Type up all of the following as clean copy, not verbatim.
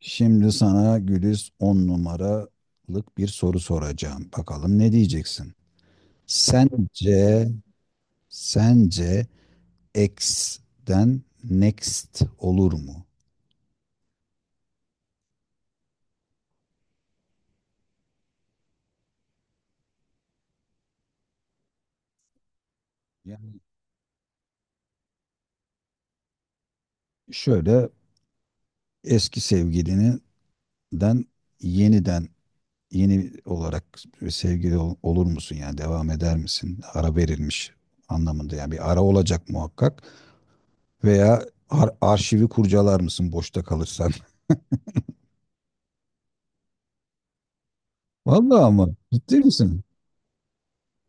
Şimdi sana Güliz 10 numaralık bir soru soracağım. Bakalım ne diyeceksin? Sence, sence X'den next olur mu? Yani şöyle eski sevgilininden yeniden yeni olarak sevgili olur musun? Yani devam eder misin? Ara verilmiş anlamında yani bir ara olacak muhakkak. Veya arşivi kurcalar mısın boşta kalırsan? Vallahi ama ciddi misin?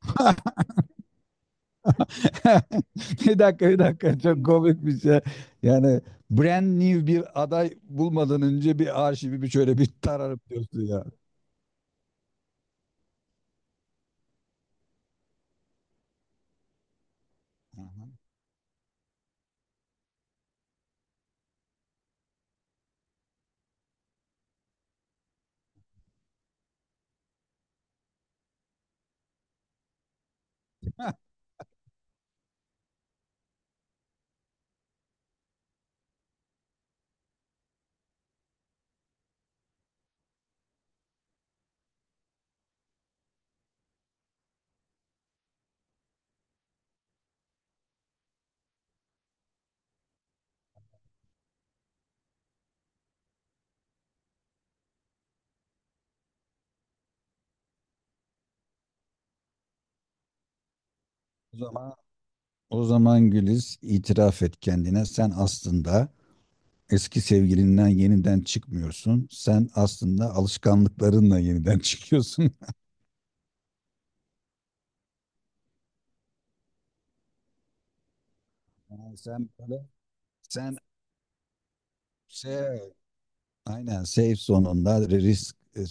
Bir dakika, bir dakika. Çok komik bir şey. Yani brand new bir aday bulmadan önce bir arşivi bir şöyle bir tararıp diyorsun ya. Hı hı. O zaman o zaman Güliz itiraf et kendine. Sen aslında eski sevgilinden yeniden çıkmıyorsun. Sen aslında alışkanlıklarınla yeniden çıkıyorsun. Yani sen böyle sen şey aynen safe sonunda risk,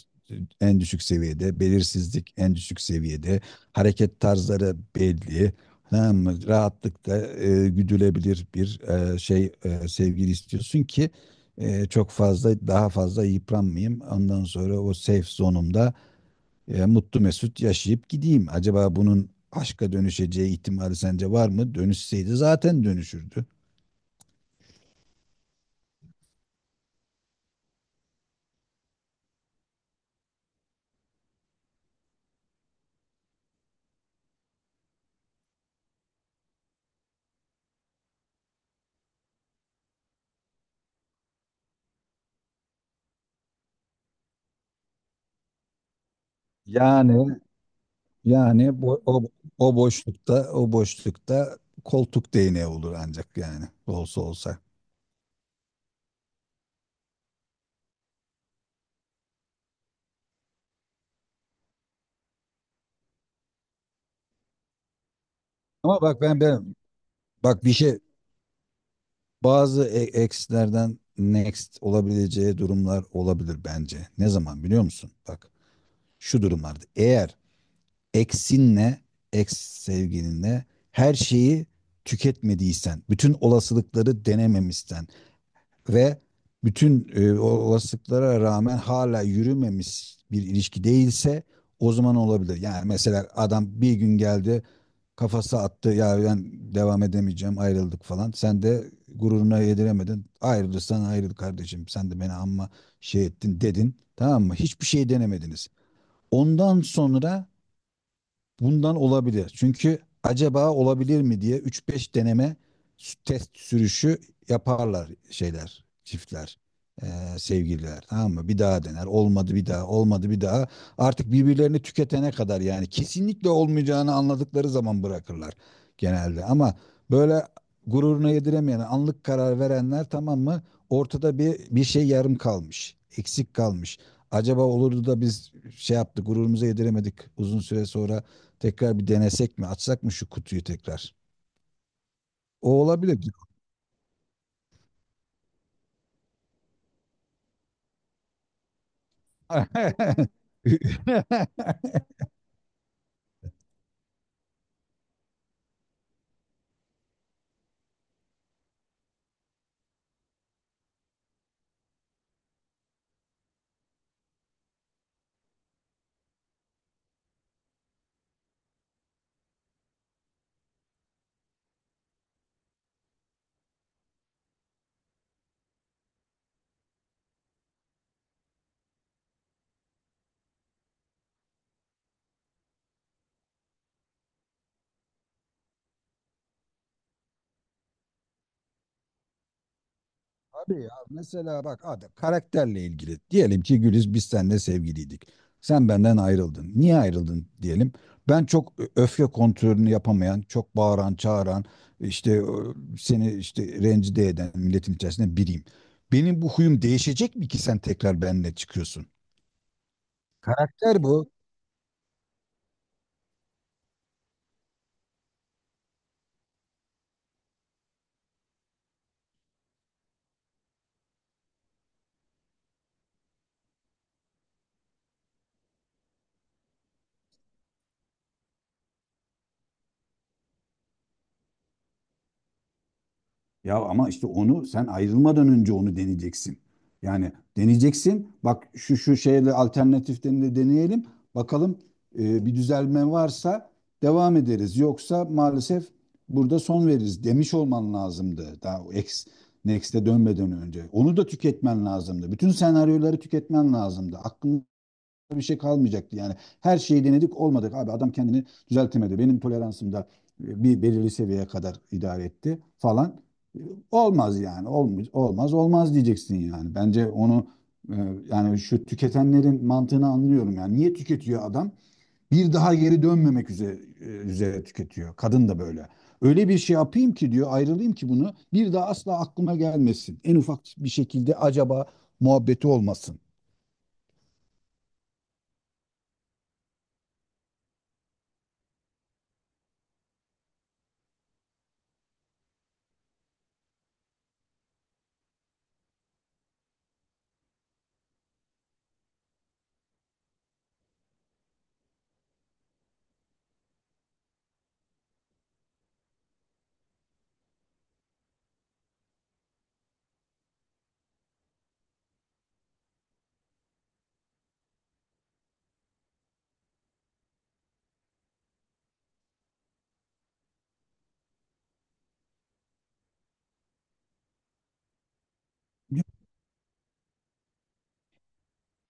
en düşük seviyede, belirsizlik en düşük seviyede, hareket tarzları belli. Tamam mı? Rahatlıkla güdülebilir bir şey sevgili istiyorsun ki çok fazla daha fazla yıpranmayayım. Ondan sonra o safe zonumda mutlu mesut yaşayıp gideyim. Acaba bunun aşka dönüşeceği ihtimali sence var mı? Dönüşseydi zaten dönüşürdü. Yani Yani bu, o, o boşlukta koltuk değneği olur ancak yani olsa olsa. Ama bak ben bak bir şey bazı ex'lerden next olabileceği durumlar olabilir bence. Ne zaman biliyor musun? Bak şu durumlarda eğer ex'inle ex sevgilinle her şeyi tüketmediysen, bütün olasılıkları denememişsen, ve bütün olasılıklara rağmen hala yürümemiş bir ilişki değilse o zaman olabilir. Yani mesela adam bir gün geldi kafası attı ya ben devam edemeyeceğim ayrıldık falan. Sen de gururuna yediremedin. Ayrılırsan ayrıl kardeşim sen de beni amma şey ettin dedin tamam mı? Hiçbir şey denemediniz. Ondan sonra bundan olabilir. Çünkü acaba olabilir mi diye üç beş deneme test sürüşü yaparlar şeyler, çiftler, eee, sevgililer. Tamam mı? Bir daha dener. Olmadı bir daha, olmadı bir daha. Artık birbirlerini tüketene kadar yani kesinlikle olmayacağını anladıkları zaman bırakırlar genelde. Ama böyle gururuna yediremeyen, anlık karar verenler tamam mı? Ortada bir şey yarım kalmış, eksik kalmış. Acaba olurdu da biz şey yaptık, gururumuza yediremedik uzun süre sonra tekrar bir denesek mi? Açsak mı şu kutuyu tekrar? O olabilir. Abi ya mesela bak adam karakterle ilgili. Diyelim ki Güliz biz seninle sevgiliydik. Sen benden ayrıldın. Niye ayrıldın diyelim. Ben çok öfke kontrolünü yapamayan, çok bağıran, çağıran, işte seni işte rencide eden milletin içerisinde biriyim. Benim bu huyum değişecek mi ki sen tekrar benimle çıkıyorsun? Karakter bu. Ya ama işte onu sen ayrılmadan önce onu deneyeceksin. Yani deneyeceksin. Bak şu şu şeyle alternatiflerini de deneyelim. Bakalım bir düzelme varsa devam ederiz. Yoksa maalesef burada son veririz demiş olman lazımdı. Daha o ex, next'e dönmeden önce. Onu da tüketmen lazımdı. Bütün senaryoları tüketmen lazımdı. Aklında bir şey kalmayacaktı yani. Her şeyi denedik olmadık abi adam kendini düzeltemedi. Benim toleransım da bir belirli seviyeye kadar idare etti falan. E, olmaz yani olmaz olmaz olmaz diyeceksin yani. Bence onu e, yani şu tüketenlerin mantığını anlıyorum yani. Niye tüketiyor adam? Bir daha geri dönmemek üzere tüketiyor. Kadın da böyle. Öyle bir şey yapayım ki diyor ayrılayım ki bunu bir daha asla aklıma gelmesin. En ufak bir şekilde acaba muhabbeti olmasın.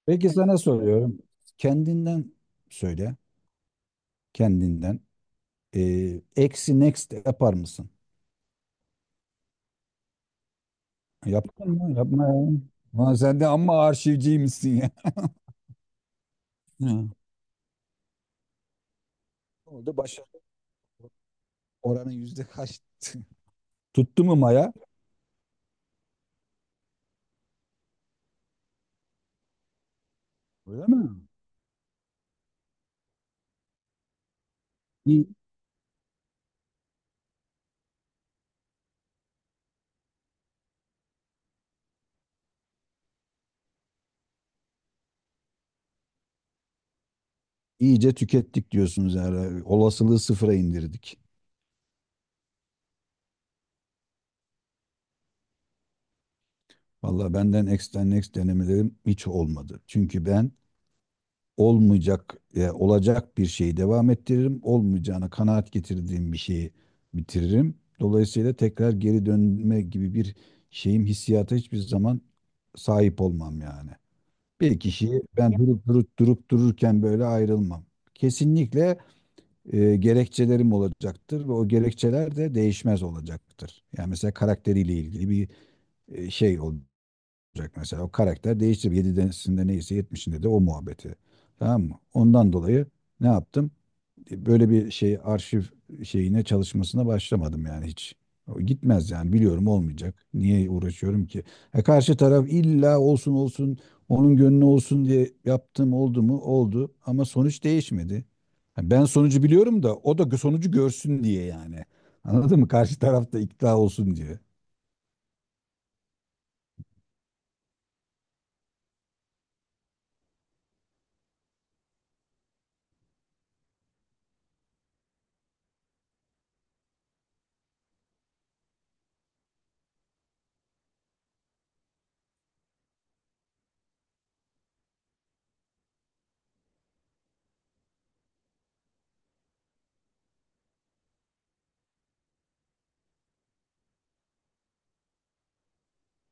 Peki sana soruyorum. Kendinden söyle. Kendinden. Eksi next yapar mısın? Yaptın mı? Yapma ya. Ulan sen de amma arşivciymişsin ya. Hı. Ne oldu? Başarı oranı yüzde kaç? Tuttu mu Maya? Öyle mi? İyi, iyice tükettik diyorsunuz yani. Olasılığı sıfıra indirdik. Vallahi benden extra next denemelerim hiç olmadı. Çünkü ben olmayacak, olacak bir şeyi devam ettiririm. Olmayacağına kanaat getirdiğim bir şeyi bitiririm. Dolayısıyla tekrar geri dönme gibi bir şeyim hissiyata hiçbir zaman sahip olmam yani. Bir kişiyi ben durup durup durup dururken böyle ayrılmam. Kesinlikle gerekçelerim olacaktır ve o gerekçeler de değişmez olacaktır. Yani mesela karakteriyle ilgili bir şey olacak mesela. O karakter değişti. 7'sinde neyse 70'inde de o muhabbeti. Tamam mı? Ondan dolayı ne yaptım? E, böyle bir şey arşiv şeyine çalışmasına başlamadım yani hiç. O gitmez yani biliyorum olmayacak. Niye uğraşıyorum ki? E karşı taraf illa olsun olsun onun gönlü olsun diye yaptım oldu mu? Oldu ama sonuç değişmedi. Ha, ben sonucu biliyorum da o da sonucu görsün diye yani. Anladın mı? Karşı taraf da ikna olsun diye.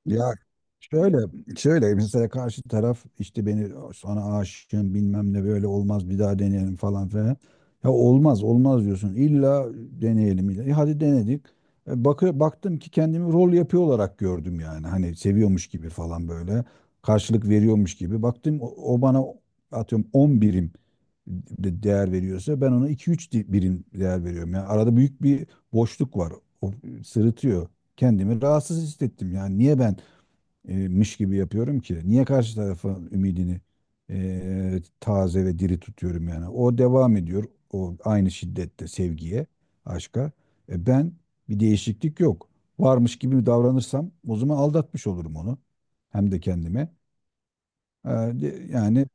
Ya şöyle şöyle mesela karşı taraf işte beni sana aşığım bilmem ne böyle olmaz bir daha deneyelim falan filan. Ya olmaz olmaz diyorsun. İlla deneyelim. İlla. E hadi denedik. E bak, baktım ki kendimi rol yapıyor olarak gördüm yani. Hani seviyormuş gibi falan böyle. Karşılık veriyormuş gibi. Baktım o bana atıyorum 10 birim değer veriyorsa ben ona iki üç birim değer veriyorum. Yani arada büyük bir boşluk var. O sırıtıyor. Kendimi rahatsız hissettim. Yani niye ben miş gibi yapıyorum ki? Niye karşı tarafın ümidini taze ve diri tutuyorum yani? O devam ediyor. O aynı şiddette sevgiye, aşka. E ben bir değişiklik yok. Varmış gibi davranırsam o zaman aldatmış olurum onu. Hem de kendime. E, yani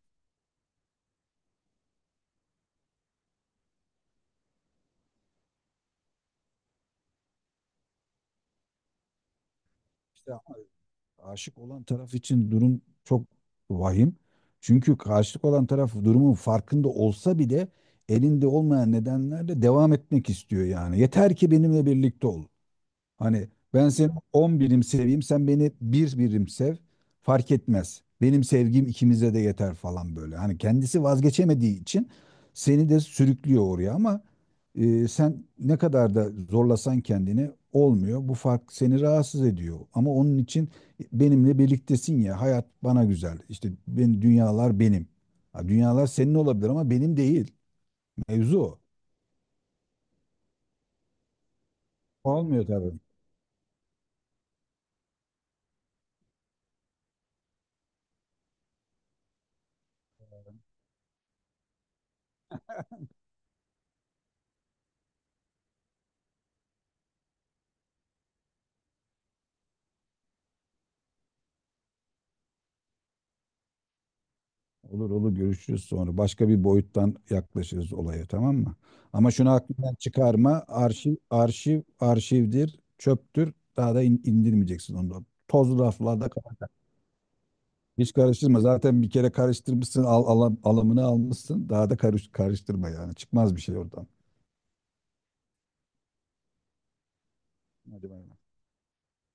işte aşık olan taraf için durum çok vahim. Çünkü karşılık olan taraf durumun farkında olsa bile elinde olmayan nedenlerle devam etmek istiyor yani. Yeter ki benimle birlikte ol. Hani ben seni 10 birim seveyim, sen beni 1 birim sev, fark etmez. Benim sevgim ikimize de yeter falan böyle. Hani kendisi vazgeçemediği için seni de sürüklüyor oraya ama sen ne kadar da zorlasan kendini olmuyor. Bu fark seni rahatsız ediyor. Ama onun için benimle birliktesin ya, hayat bana güzel. İşte ben, dünyalar benim. Ha, dünyalar senin olabilir ama benim değil. Mevzu o. Olmuyor tabii. Olur olur görüşürüz sonra. Başka bir boyuttan yaklaşırız olaya tamam mı? Ama şunu aklından çıkarma. Arşiv, arşiv, arşivdir, çöptür. Daha da indirmeyeceksin onu da. Tozlu raflarda hiç karıştırma. Zaten bir kere karıştırmışsın, alımını almışsın. Daha da karıştırma yani. Çıkmaz bir şey oradan. Hadi bay bay.